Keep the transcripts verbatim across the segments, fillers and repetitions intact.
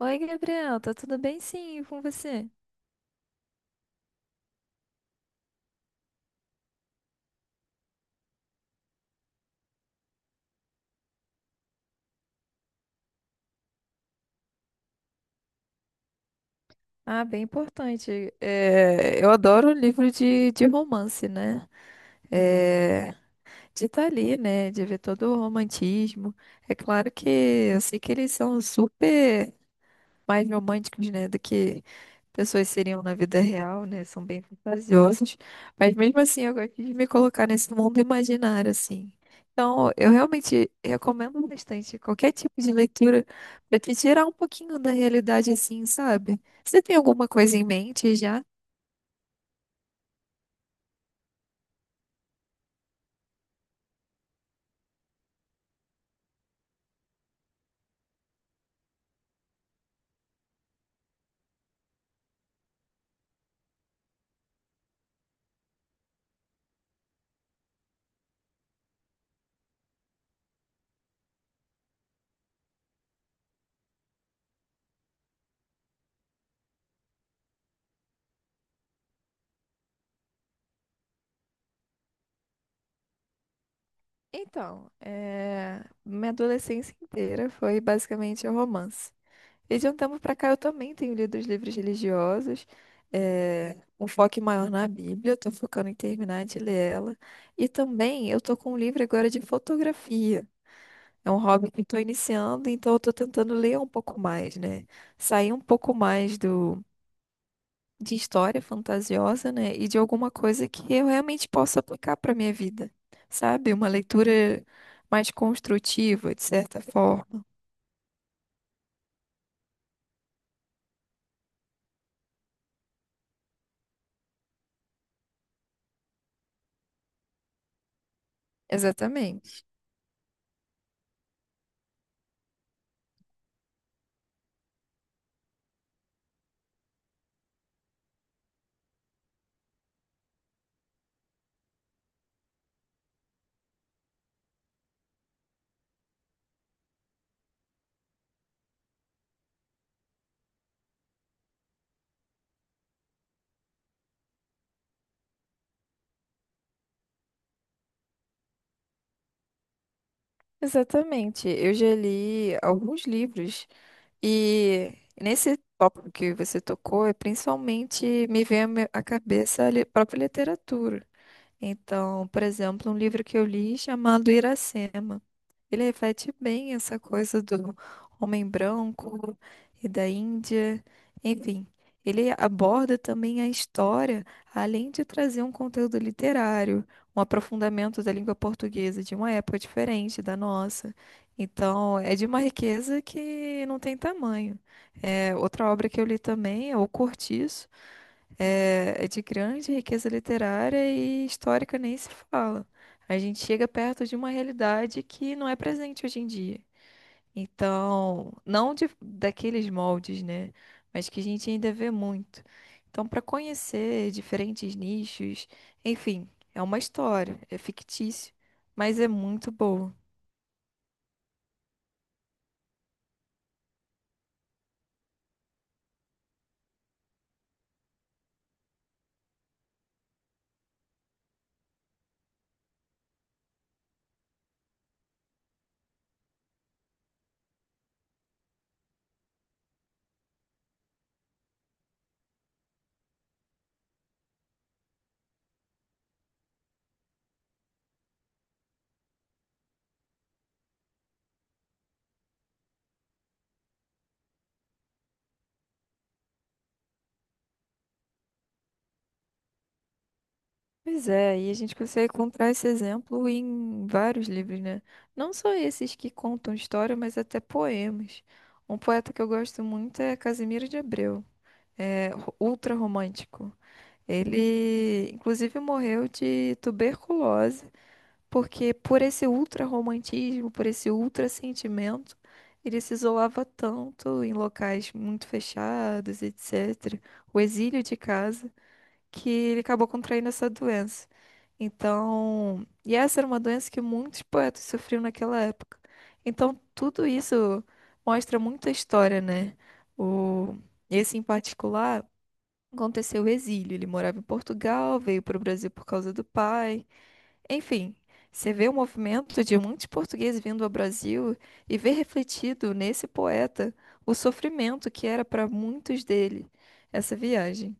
Oi, Gabriel, tá tudo bem? Sim, e com você? Ah, bem importante. É, eu adoro livro de, de romance, né? É, de estar ali, né? De ver todo o romantismo. É claro que eu sei que eles são super mais românticos, né? Do que pessoas seriam na vida real, né? São bem fantasiosas. Mas mesmo assim, eu gosto de me colocar nesse mundo imaginário, assim. Então, eu realmente recomendo bastante qualquer tipo de leitura para te tirar um pouquinho da realidade, assim, sabe? Você tem alguma coisa em mente já? Então, eh, minha adolescência inteira foi basicamente romance. E de um tempo para cá eu também tenho lido os livros religiosos, eh, um foco maior na Bíblia, estou focando em terminar de ler ela. E também eu estou com um livro agora de fotografia. É um hobby que estou iniciando, então eu estou tentando ler um pouco mais, né? Sair um pouco mais do de história fantasiosa, né? E de alguma coisa que eu realmente possa aplicar para minha vida, sabe? Uma leitura mais construtiva, de certa forma. Exatamente. Exatamente. Eu já li alguns livros e nesse tópico que você tocou, é principalmente me vem à me- à cabeça a li- própria literatura. Então, por exemplo, um livro que eu li chamado Iracema. Ele reflete bem essa coisa do homem branco e da Índia. Enfim, ele aborda também a história, além de trazer um conteúdo literário, um aprofundamento da língua portuguesa de uma época diferente da nossa. Então, é de uma riqueza que não tem tamanho. É, outra obra que eu li também é O Cortiço. É é de grande riqueza literária e histórica nem se fala. A gente chega perto de uma realidade que não é presente hoje em dia. Então, não de- daqueles moldes, né? Mas que a gente ainda vê muito. Então, para conhecer diferentes nichos, enfim, é uma história, é fictício, mas é muito boa. Pois é, e a gente consegue encontrar esse exemplo em vários livros, né? Não só esses que contam história, mas até poemas. Um poeta que eu gosto muito é Casimiro de Abreu, é ro- ultra romântico. Ele, inclusive, morreu de tuberculose, porque por esse ultra romantismo, por esse ultra sentimento, ele se isolava tanto em locais muito fechados, etcétera. O exílio de casa que ele acabou contraindo essa doença. Então, e essa era uma doença que muitos poetas sofriam naquela época. Então, tudo isso mostra muita história, né? O, esse em particular aconteceu o exílio. Ele morava em Portugal, veio para o Brasil por causa do pai. Enfim, você vê o movimento de muitos portugueses vindo ao Brasil e vê refletido nesse poeta o sofrimento que era para muitos dele essa viagem.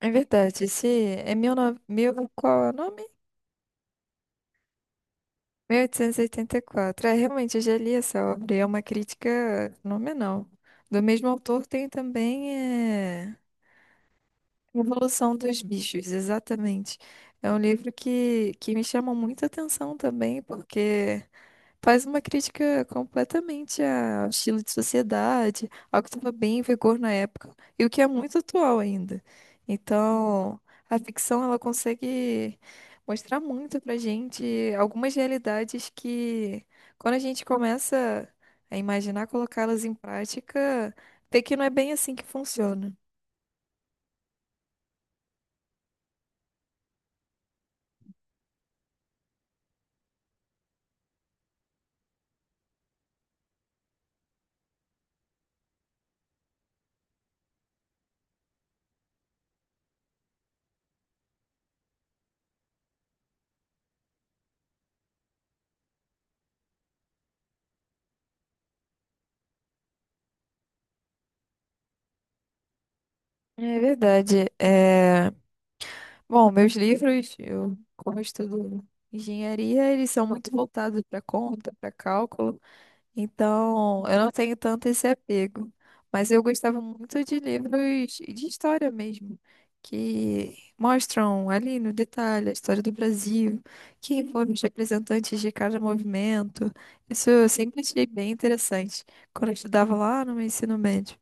É verdade, esse é mil, no- mil, qual é o nome? Mil oitocentos e oitenta e quatro. É, realmente, eu já li essa obra e é uma crítica fenomenal. Do mesmo autor tem também é, Revolução dos Bichos, exatamente. É um livro que, que me chama muita atenção também, porque faz uma crítica completamente a- ao estilo de sociedade, ao que estava bem em vigor na época e o que é muito atual ainda. Então, a ficção ela consegue mostrar muito pra gente algumas realidades que, quando a gente começa a imaginar colocá-las em prática, vê que não é bem assim que funciona. É verdade. É... Bom, meus livros, eu, como eu estudo engenharia, eles são muito voltados para conta, para cálculo. Então, eu não tenho tanto esse apego, mas eu gostava muito de livros de história mesmo, que mostram ali no detalhe a história do Brasil, quem foram os representantes de cada movimento. Isso eu sempre achei bem interessante quando eu estudava lá no meu ensino médio.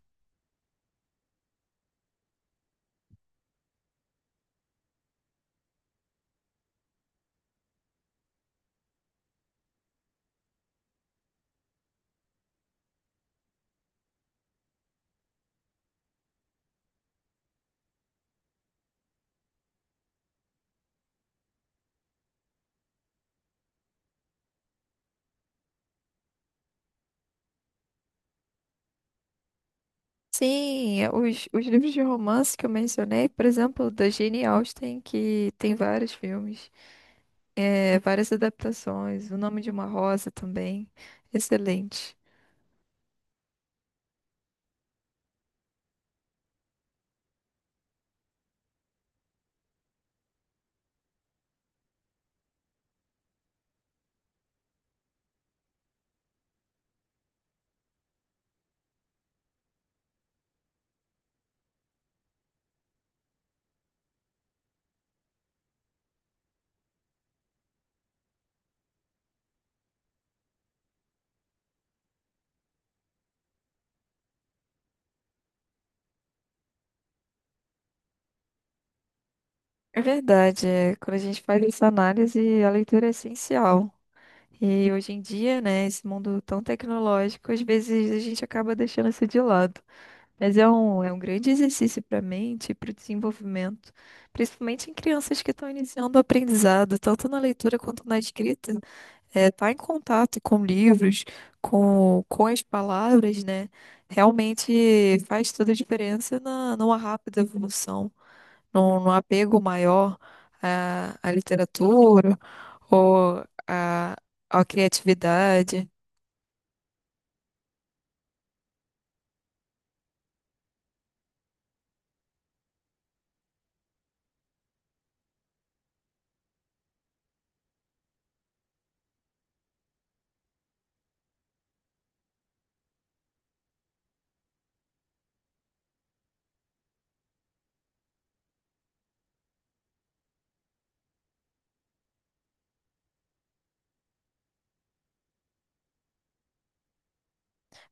Sim, é, os, os livros de romance que eu mencionei, por exemplo, da Jane Austen, que tem vários filmes, é, várias adaptações, O Nome de uma Rosa também, excelente. É verdade, é, quando a gente faz essa análise, a leitura é essencial. E hoje em dia, né, esse mundo tão tecnológico, às vezes a gente acaba deixando isso de lado. Mas é um, é um grande exercício para a mente e para o desenvolvimento, principalmente em crianças que estão iniciando o aprendizado, tanto na leitura quanto na escrita. É, tá em contato com livros, com, com as palavras, né? Realmente faz toda a diferença na, numa rápida evolução, num, num apego maior à, à literatura ou à, à criatividade.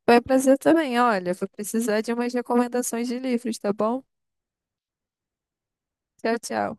Foi um prazer também, olha, vou precisar de umas recomendações de livros, tá bom? Tchau, tchau.